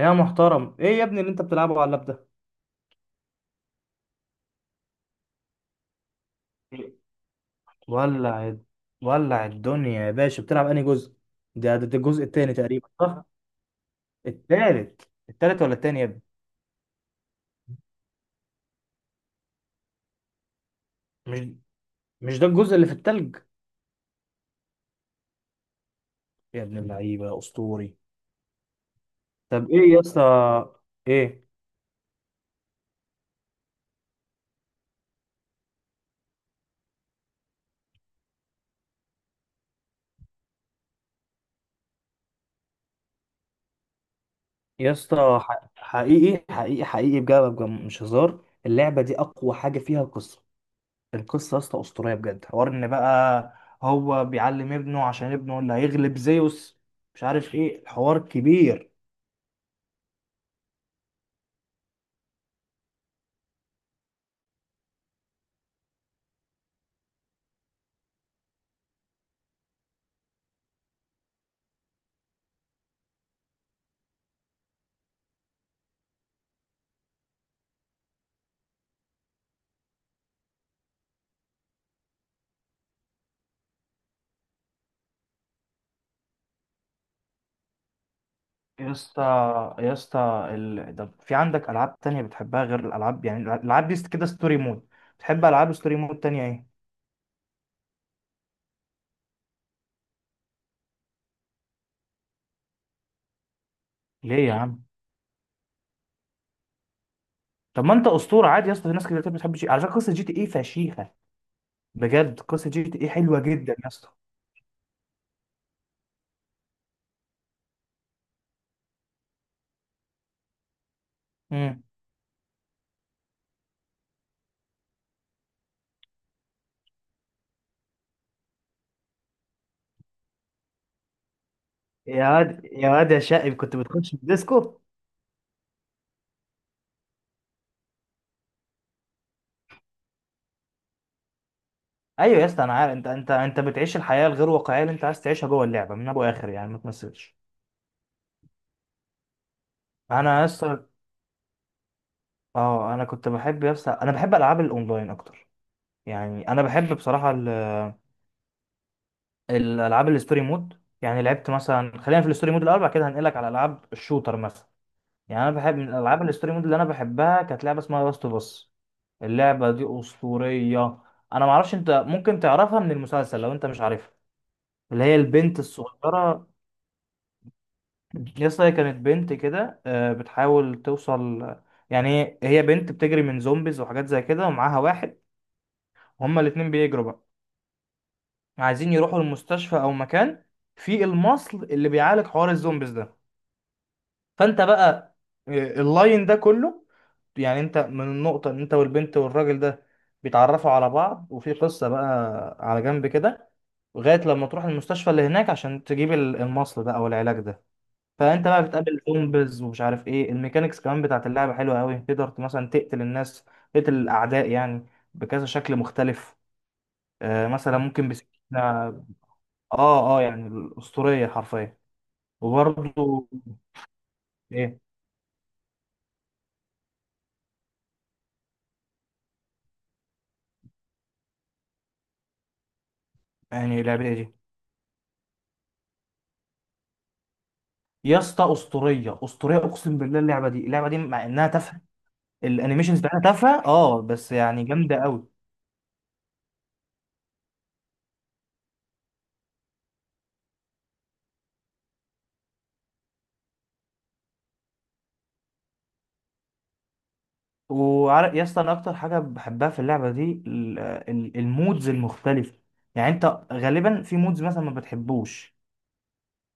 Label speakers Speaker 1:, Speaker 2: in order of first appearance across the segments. Speaker 1: يا محترم، ايه يا ابني اللي انت بتلعبه على اللاب ده؟ ولع الد- ولع الدنيا يا باشا، بتلعب انهي جزء؟ ده الجزء التاني تقريبا، صح؟ التالت التالت ولا التاني يا ابني؟ مش مش ده الجزء اللي في التلج؟ يا ابن اللعيبه اسطوري. طب ايه يا اسطى؟ ايه؟ يا اسطى، حقيقي حقيقي حقيقي بجد بجد، مش هزار، اللعبه دي اقوى حاجه فيها القصه. القصة يا اسطى أسطورية بجد، حوار إن بقى هو بيعلم ابنه عشان ابنه اللي هيغلب زيوس، مش عارف إيه الحوار كبير. يا اسطى يا اسطى طب في عندك ألعاب تانية بتحبها غير الألعاب، يعني الألعاب دي كده ستوري مود، بتحب ألعاب ستوري مود تانية إيه؟ ليه يا عم؟ طب ما أنت أسطورة، عادي يا اسطى، في ناس كتير ما بتحبش، على فكرة قصة جي تي إيه فشيخة، بجد قصة جي تي إيه حلوة جدا يا اسطى. مم. يا واد يا واد يا شقي كنت بتخش في الديسكو؟ ايوه يا اسطى انا عارف، انت بتعيش الحياه الغير واقعيه اللي انت عايز تعيشها جوه اللعبه من ابو اخر، يعني ما تمثلش. انا يا اسطى، اه انا كنت بحب يا اسطى، انا بحب العاب الاونلاين اكتر، يعني انا بحب بصراحه الالعاب الستوري مود. يعني لعبت مثلا، خلينا في الستوري مود الاول، بعد كده هنقلك على العاب الشوتر مثلا. يعني انا بحب من الالعاب الستوري مود اللي انا بحبها كانت لعبه اسمها لاست اوف اس. اللعبه دي اسطوريه، انا ما اعرفش، انت ممكن تعرفها من المسلسل لو انت مش عارفها، اللي هي البنت الصغيره. يس، هي كانت بنت كده، بتحاول توصل، يعني هي بنت بتجري من زومبيز وحاجات زي كده، ومعاها واحد، وهما الاتنين بيجروا بقى، عايزين يروحوا المستشفى او مكان في المصل اللي بيعالج حوار الزومبيز ده. فانت بقى، آه، اللاين ده كله، يعني انت من النقطة ان انت والبنت والراجل ده بيتعرفوا على بعض، وفي قصة بقى على جنب كده، لغاية لما تروح المستشفى اللي هناك عشان تجيب المصل ده او العلاج ده. فانت بقى بتقابل زومبيز ومش عارف ايه، الميكانيكس كمان بتاعت اللعبه حلوه قوي، تقدر مثلا تقتل الناس، تقتل الاعداء يعني، بكذا شكل مختلف، آه مثلا ممكن بسكينه. اه. اه، يعني الاسطوريه حرفيا. وبرضه. ايه. يعني اللعبه إيه دي؟ يا اسطى اسطوريه اسطوريه، اقسم بالله، اللعبه دي اللعبه دي مع انها تافهه، الانيميشنز بتاعتها تافهه اه، بس يعني جامده قوي. وعارف يا اسطى انا اكتر حاجه بحبها في اللعبه دي، المودز المختلفه. يعني انت غالبا في مودز مثلا ما بتحبوش،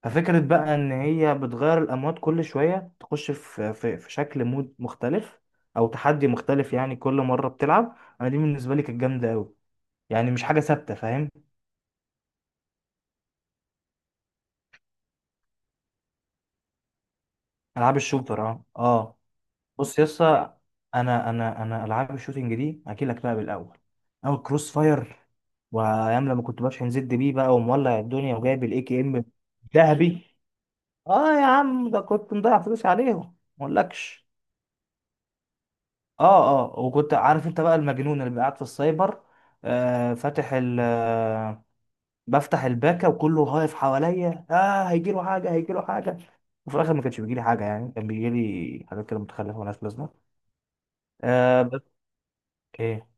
Speaker 1: ففكره بقى ان هي بتغير الاموات كل شويه، تخش في شكل مود مختلف او تحدي مختلف، يعني كل مره بتلعب، انا دي بالنسبه لي كانت جامده قوي، يعني مش حاجه ثابته، فاهم. العاب الشوتر اه اه. بص يا اسطى، انا العاب الشوتينج دي احكي لك بقى بالاول، اول كروس فاير، وايام لما كنت بشحن زد بيه بقى، ومولع الدنيا، وجايب الاي كي ام ذهبي. اه يا عم، ده كنت مضيع فلوس عليهم، ما اقولكش. اه اه، وكنت عارف انت بقى المجنون اللي قاعد في السايبر، آه فاتح ال آه، بفتح الباكا وكله واقف حواليا، اه هيجيله حاجه هيجيله حاجه، وفي الاخر ما كانش بيجيلي حاجه، يعني كان بيجيلي حاجات كده متخلفه وناس لازمه. بس. ايه.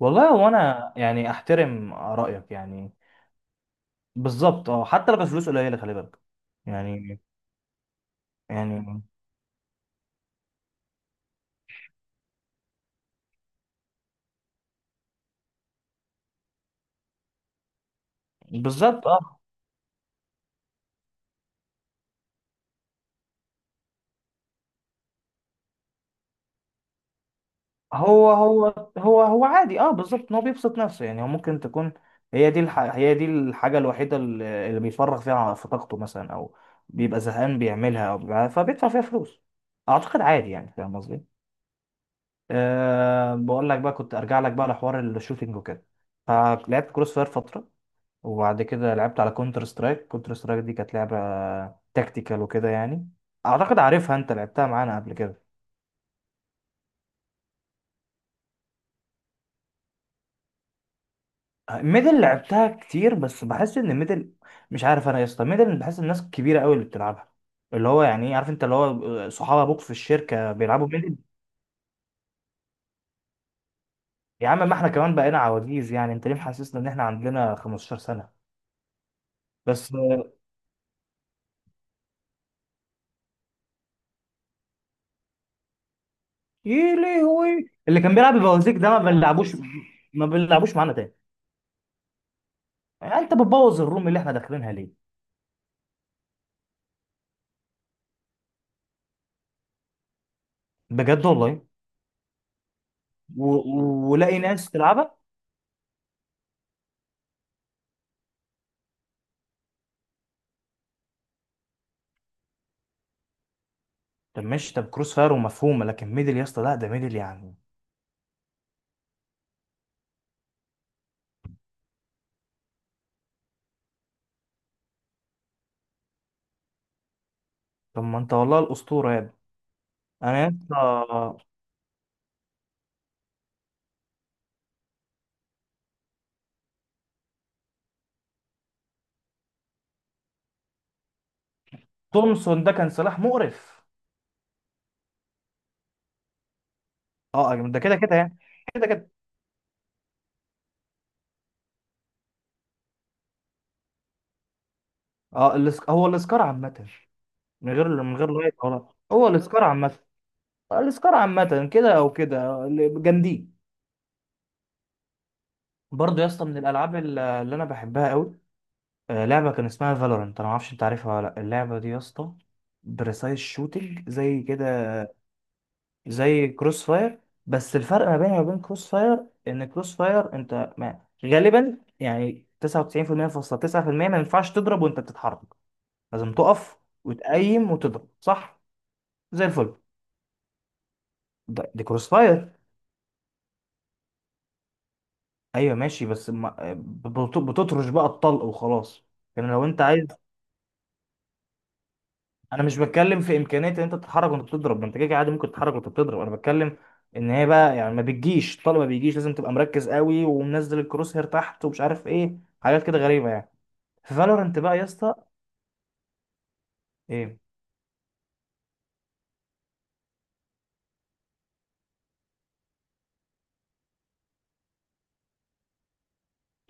Speaker 1: والله هو انا يعني احترم رايك يعني. بالظبط اه، حتى لو كانت فلوس قليله خلي بالك. يعني. يعني. بالظبط اه. هو هو هو عادي اه، بالظبط ان هو بيبسط نفسه، يعني هو ممكن تكون هي دي الحاجه الوحيده اللي اللي بيفرغ فيها في طاقته مثلا، او بيبقى زهقان بيعملها، فبيدفع فيها فلوس، اعتقد عادي يعني، فاهم قصدي. بقول لك بقى، كنت ارجع لك بقى لحوار الشوتينج وكده، فلعبت كروس فاير فتره، وبعد كده لعبت على كونتر سترايك، كونتر سترايك دي كانت لعبة تكتيكال وكده يعني، اعتقد عارفها انت لعبتها معانا قبل كده. ميدل لعبتها كتير، بس بحس ان ميدل، مش عارف انا يا اسطى، ميدل بحس الناس الكبيره قوي اللي بتلعبها، اللي هو يعني إيه، عارف انت، اللي هو صحاب ابوك في الشركه بيلعبوا ميدل. يا عم ما احنا كمان بقينا عواجيز، يعني انت ليه محسسنا ان احنا عندنا 15 سنه؟ بس ايه، ليه هو إيه؟ اللي كان بيلعب بوازيك ده ما بنلعبوش، ما بنلعبوش معانا تاني، يعني انت بتبوظ الروم اللي احنا داخلينها ليه؟ بجد والله، ولاقي ناس تلعبها؟ طب ماشي، طب كروس فاير ومفهومه، لكن ميدل يا اسطى لا، ده ميدل يعني. طب ما انت والله الاسطوره يا ابني. انا يا اسطى. تومسون ده كان سلاح مقرف. اه، ده كده كده يعني، كده كده. اه، هو الاسكار عامه، من غير من غير لايك، ولا هو الاسكار عامه، الاسكار عامه كده او كده جامدين. برضه يا اسطى من الالعاب اللي انا بحبها قوي، لعبه كان اسمها فالورنت، انا ما اعرفش انت عارفها ولا لا، اللعبه دي يا اسطى بريسايز شوتنج زي كده، زي كروس فاير، بس الفرق ما بينها وبين كروس فاير ان كروس فاير انت ما غالبا يعني 99% فاصلة 9% ما ينفعش تضرب وانت بتتحرك، لازم تقف وتقيم وتضرب، صح؟ زي الفل. دي كروس فاير. ايوه ماشي، بس ما بتطرش بقى الطلق وخلاص. لكن لو انت عايز، انا مش بتكلم في امكانيه ان انت تتحرك وانت بتضرب، ما انت كده كده عادي ممكن تتحرك وانت بتضرب، انا بتكلم ان هي بقى يعني ما بتجيش، طالما ما بيجيش لازم تبقى مركز قوي، ومنزل الكروس هير تحت، ومش عارف ايه حاجات كده غريبه يعني. في فالورنت بقى يا اسطى. ايه.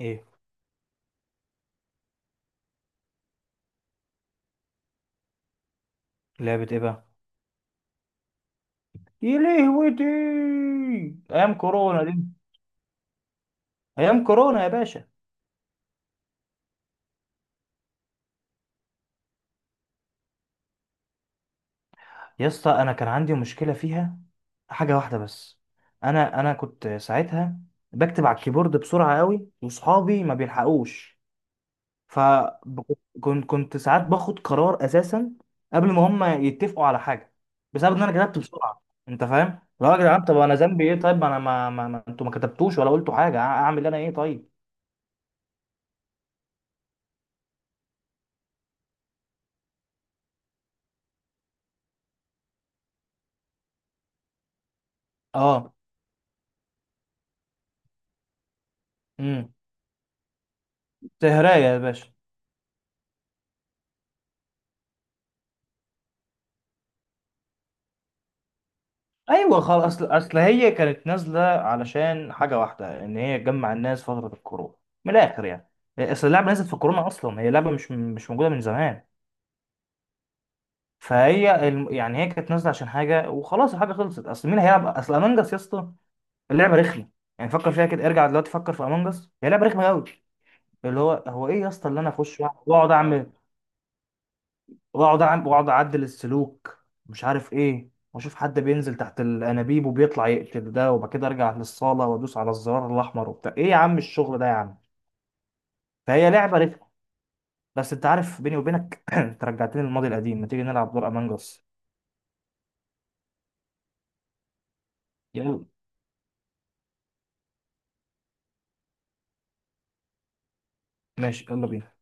Speaker 1: ايه. لعبه ايه بقى؟ يا لهوي، دي ايام كورونا دي، ايام كورونا يا باشا. يا اسطى انا كان عندي مشكله فيها حاجه واحده بس، انا انا كنت ساعتها بكتب على الكيبورد بسرعه قوي، واصحابي ما بيلحقوش، فكنت كنت ساعات باخد قرار اساسا قبل ما هم يتفقوا على حاجه، بسبب ان انا كتبت بسرعه، انت فاهم. لا يا جدعان، طب انا ذنبي ايه طيب، ما انا ما انتوا ما كتبتوش ولا قلتوا حاجه، اعمل انا ايه طيب. اه. امم. تهراية يا باشا. ايوه خلاص، اصل هي كانت نازله علشان حاجه واحده ان هي تجمع الناس فتره الكورونا، من الاخر يعني، اصل اللعبه نزلت في الكورونا اصلا، هي لعبه مش موجوده من زمان. يعني هي كانت نازله عشان حاجه، وخلاص الحاجه خلصت، اصل مين هيلعب اصل امونج اس يا اسطى، اللعبه رخمه، يعني فكر فيها كده، ارجع دلوقتي فكر في امونج اس، هي لعبه رخمه قوي. اللي هو ايه يا اسطى اللي انا اخش واقعد اعمل واقعد اعمل واقعد اعدل السلوك مش عارف ايه، واشوف حد بينزل تحت الانابيب وبيطلع يقتل ده، وبعد كده ارجع للصاله وادوس على الزرار الاحمر وبتاع، ايه يا عم الشغل ده يا عم. فهي لعبه رخمه. بس انت عارف بيني وبينك انت رجعتني للماضي القديم، ما تيجي نلعب دور امونج اس. يلا. ماشي يلا بينا.